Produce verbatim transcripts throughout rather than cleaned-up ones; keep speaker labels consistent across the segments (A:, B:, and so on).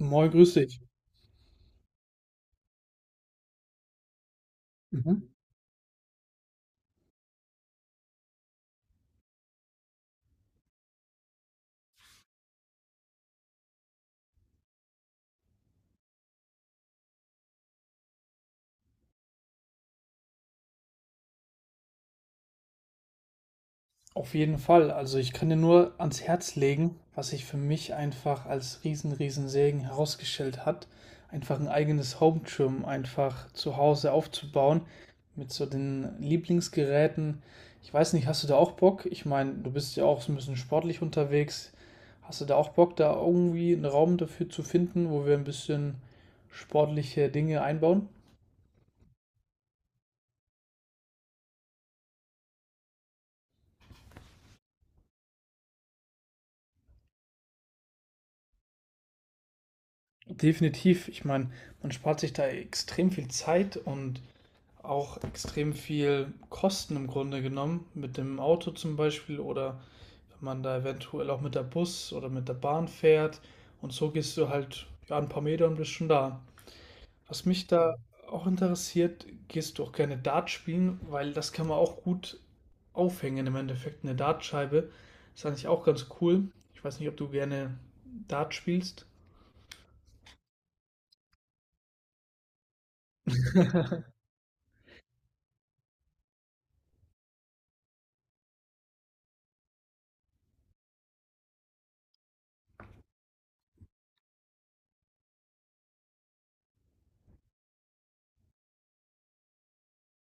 A: Moin, grüß dich. Mhm. Auf jeden Fall. Also ich kann dir nur ans Herz legen, was sich für mich einfach als riesen, riesen Segen herausgestellt hat, einfach ein eigenes Home Gym einfach zu Hause aufzubauen mit so den Lieblingsgeräten. Ich weiß nicht, hast du da auch Bock? Ich meine, du bist ja auch so ein bisschen sportlich unterwegs. Hast du da auch Bock, da irgendwie einen Raum dafür zu finden, wo wir ein bisschen sportliche Dinge einbauen? Definitiv. Ich meine, man spart sich da extrem viel Zeit und auch extrem viel Kosten im Grunde genommen, mit dem Auto zum Beispiel oder wenn man da eventuell auch mit der Bus oder mit der Bahn fährt und so gehst du halt ja, ein paar Meter und bist schon da. Was mich da auch interessiert, gehst du auch gerne Dart spielen, weil das kann man auch gut aufhängen im Endeffekt, eine Dartscheibe. Ist eigentlich auch ganz cool. Ich weiß nicht, ob du gerne Dart spielst.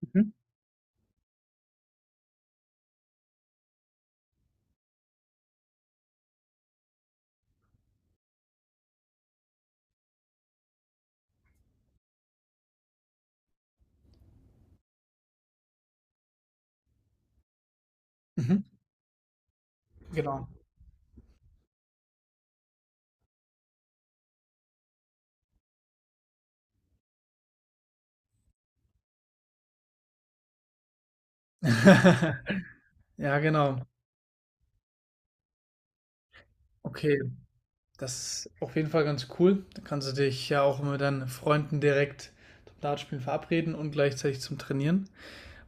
A: Mhm. Mhm. Genau. Ja, genau. Okay. Das ist auf jeden Fall ganz cool. Da kannst du dich ja auch mit deinen Freunden direkt zum Dartspielen verabreden und gleichzeitig zum Trainieren.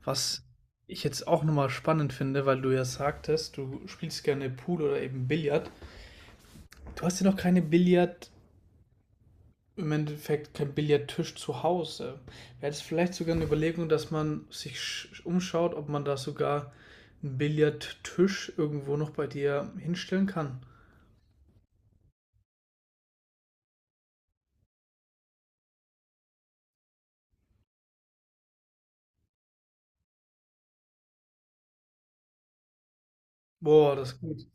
A: Was ich jetzt auch nochmal spannend finde, weil du ja sagtest, du spielst gerne Pool oder eben Billard. Du hast ja noch keine Billard, im Endeffekt kein Billardtisch zu Hause. Wäre es vielleicht sogar eine Überlegung, dass man sich umschaut, ob man da sogar einen Billardtisch irgendwo noch bei dir hinstellen kann? Boah, das ist gut.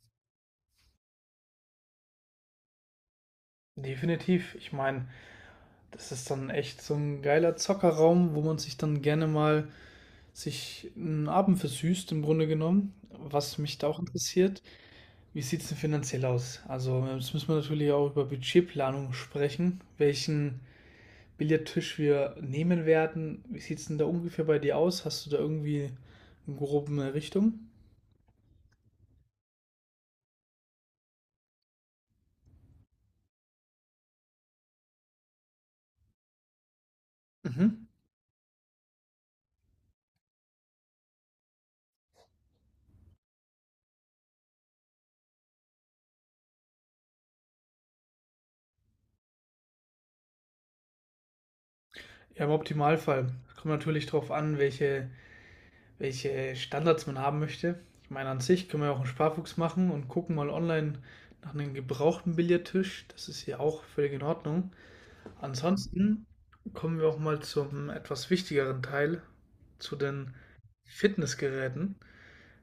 A: Definitiv. Ich meine, das ist dann echt so ein geiler Zockerraum, wo man sich dann gerne mal sich einen Abend versüßt, im Grunde genommen. Was mich da auch interessiert, wie sieht es denn finanziell aus? Also, jetzt müssen wir natürlich auch über Budgetplanung sprechen, welchen Billardtisch wir nehmen werden. Wie sieht es denn da ungefähr bei dir aus? Hast du da irgendwie eine grobe Richtung? Mhm. Ja, im Optimalfall. Es kommt natürlich darauf an, welche welche Standards man haben möchte. Ich meine, an sich können wir auch einen Sparfuchs machen und gucken mal online nach einem gebrauchten Billardtisch. Das ist hier auch völlig in Ordnung. Ansonsten kommen wir auch mal zum etwas wichtigeren Teil, zu den Fitnessgeräten.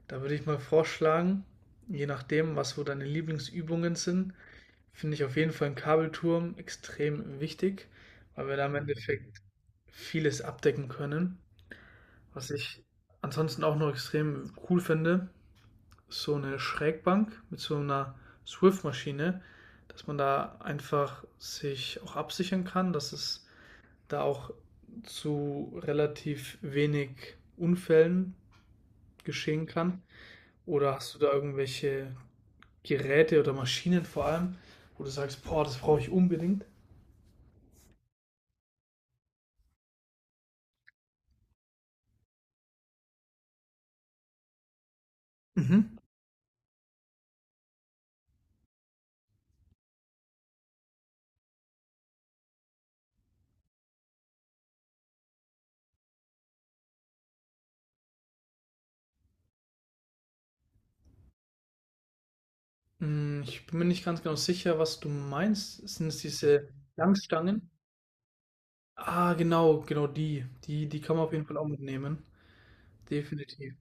A: Da würde ich mal vorschlagen, je nachdem, was so deine Lieblingsübungen sind, finde ich auf jeden Fall einen Kabelturm extrem wichtig, weil wir da im Endeffekt vieles abdecken können. Was ich ansonsten auch noch extrem cool finde, ist so eine Schrägbank mit so einer Swift-Maschine, dass man da einfach sich auch absichern kann, dass es da auch zu relativ wenig Unfällen geschehen kann. Oder hast du da irgendwelche Geräte oder Maschinen vor allem, wo du sagst, boah, das brauche ich unbedingt? Mhm. Hm, ich bin mir nicht ganz genau sicher, was du meinst. Sind es diese Langstangen? Ah, genau, genau die. Die die kann man auf jeden Fall auch mitnehmen. Definitiv.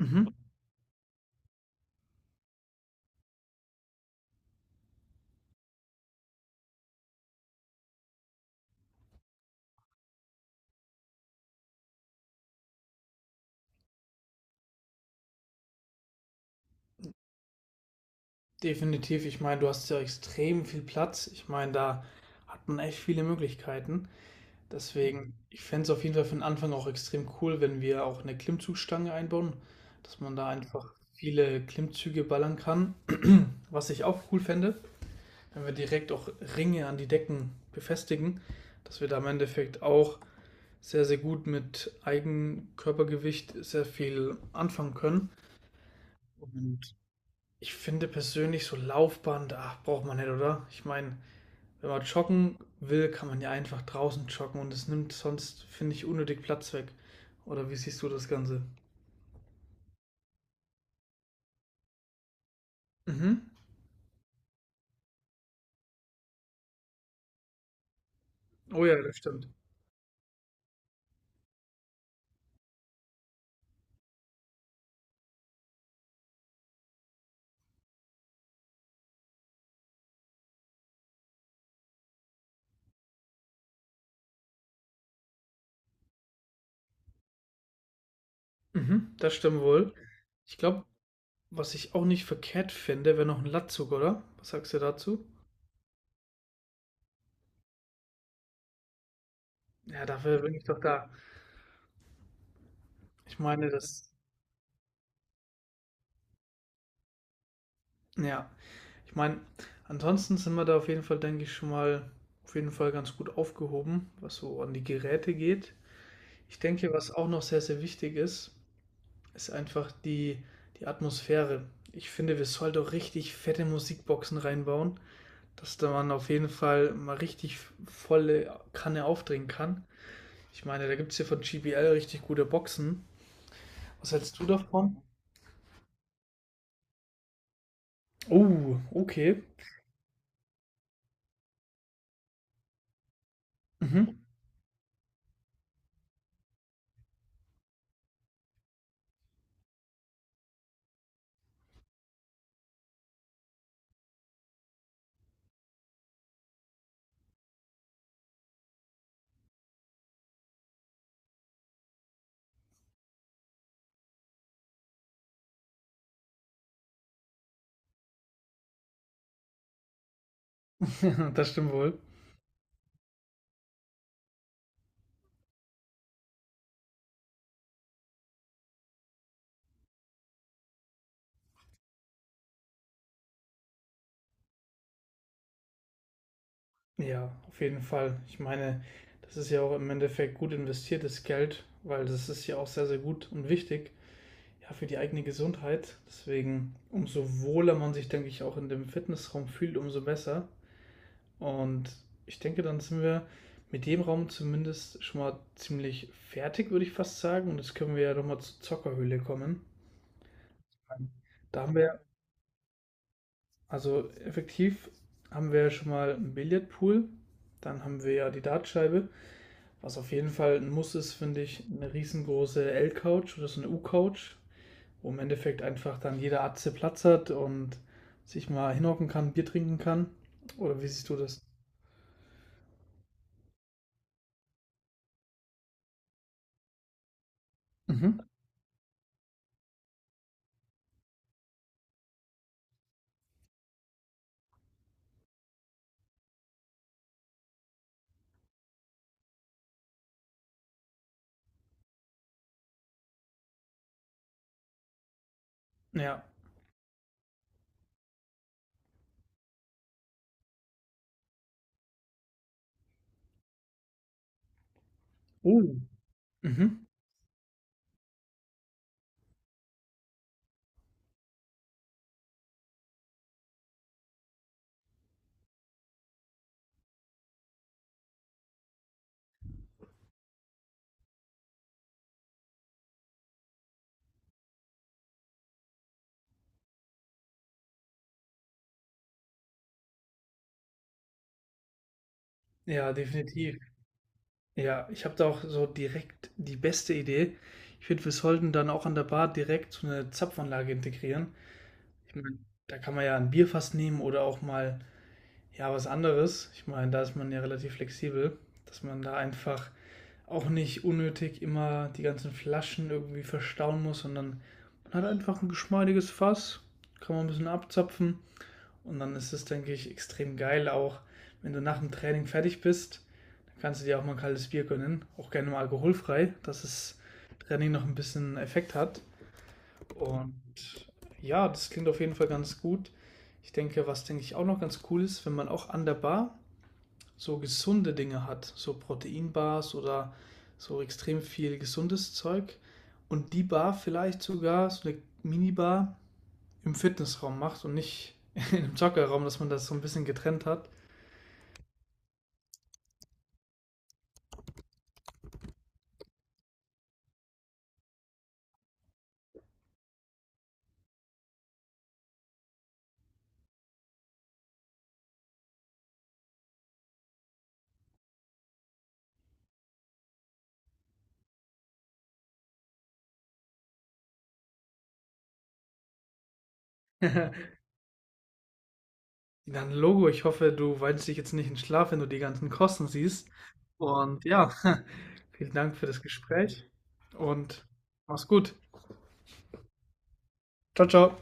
A: Mhm. Definitiv. Ich meine, du hast ja extrem viel Platz. Ich meine, da hat man echt viele Möglichkeiten. Deswegen, ich fände es auf jeden Fall für den Anfang auch extrem cool, wenn wir auch eine Klimmzugstange einbauen, dass man da einfach viele Klimmzüge ballern kann. Was ich auch cool fände, wenn wir direkt auch Ringe an die Decken befestigen, dass wir da im Endeffekt auch sehr, sehr gut mit Eigenkörpergewicht sehr viel anfangen können. Und ich finde persönlich so Laufband, ach, braucht man nicht, oder? Ich meine, wenn man joggen will, kann man ja einfach draußen joggen und es nimmt sonst, finde ich, unnötig Platz weg. Oder wie siehst du das Ganze? Mhm. Oh ja, das stimmt. Mhm, das stimmt wohl. Ich glaube, was ich auch nicht verkehrt finde, wäre noch ein Latzug, oder? Was sagst du dazu? Ja, dafür bin ich doch da. Ich meine, das, ja, ich meine, ansonsten sind wir da auf jeden Fall, denke ich, schon mal auf jeden Fall ganz gut aufgehoben, was so an die Geräte geht. Ich denke, was auch noch sehr, sehr wichtig ist, ist einfach die, die Atmosphäre. Ich finde, wir sollten auch richtig fette Musikboxen reinbauen, dass da man auf jeden Fall mal richtig volle Kanne aufdrehen kann. Ich meine, da gibt es hier von G B L richtig gute Boxen. Was hältst du davon? Oh, okay. Mhm. Das stimmt wohl. Ja, auf jeden Fall. Ich meine, das ist ja auch im Endeffekt gut investiertes Geld, weil das ist ja auch sehr, sehr gut und wichtig, ja, für die eigene Gesundheit. Deswegen, umso wohler man sich, denke ich, auch in dem Fitnessraum fühlt, umso besser. Und ich denke, dann sind wir mit dem Raum zumindest schon mal ziemlich fertig, würde ich fast sagen. Und jetzt können wir ja nochmal zur Zockerhöhle kommen. Da haben wir, also effektiv haben wir ja schon mal einen Billardpool, dann haben wir ja die Dartscheibe. Was auf jeden Fall ein Muss ist, finde ich, eine riesengroße L-Couch oder so eine U-Couch, wo im Endeffekt einfach dann jeder Atze Platz hat und sich mal hinhocken kann, Bier trinken kann. Oder wie siehst du das? Mhm. Ja. Oh. Mhm. Ja, definitiv. Ja, ich habe da auch so direkt die beste Idee. Ich finde, wir sollten dann auch an der Bar direkt so eine Zapfanlage integrieren. Ich meine, da kann man ja ein Bierfass nehmen oder auch mal ja was anderes. Ich meine, da ist man ja relativ flexibel, dass man da einfach auch nicht unnötig immer die ganzen Flaschen irgendwie verstauen muss, sondern man hat einfach ein geschmeidiges Fass, kann man ein bisschen abzapfen und dann ist es, denke ich, extrem geil auch, wenn du nach dem Training fertig bist, dann kannst du dir auch mal ein kaltes Bier gönnen, auch gerne mal alkoholfrei, dass das Training noch ein bisschen Effekt hat und ja, das klingt auf jeden Fall ganz gut. Ich denke, was denke ich auch noch ganz cool ist, wenn man auch an der Bar so gesunde Dinge hat, so Proteinbars oder so extrem viel gesundes Zeug und die Bar vielleicht sogar so eine Minibar im Fitnessraum macht und nicht in einem Joggerraum, dass man das so ein bisschen getrennt hat. Dann Logo, ich hoffe, du weinst dich jetzt nicht in Schlaf, wenn du die ganzen Kosten siehst. Und ja, vielen Dank für das Gespräch und mach's gut. Ciao, ciao.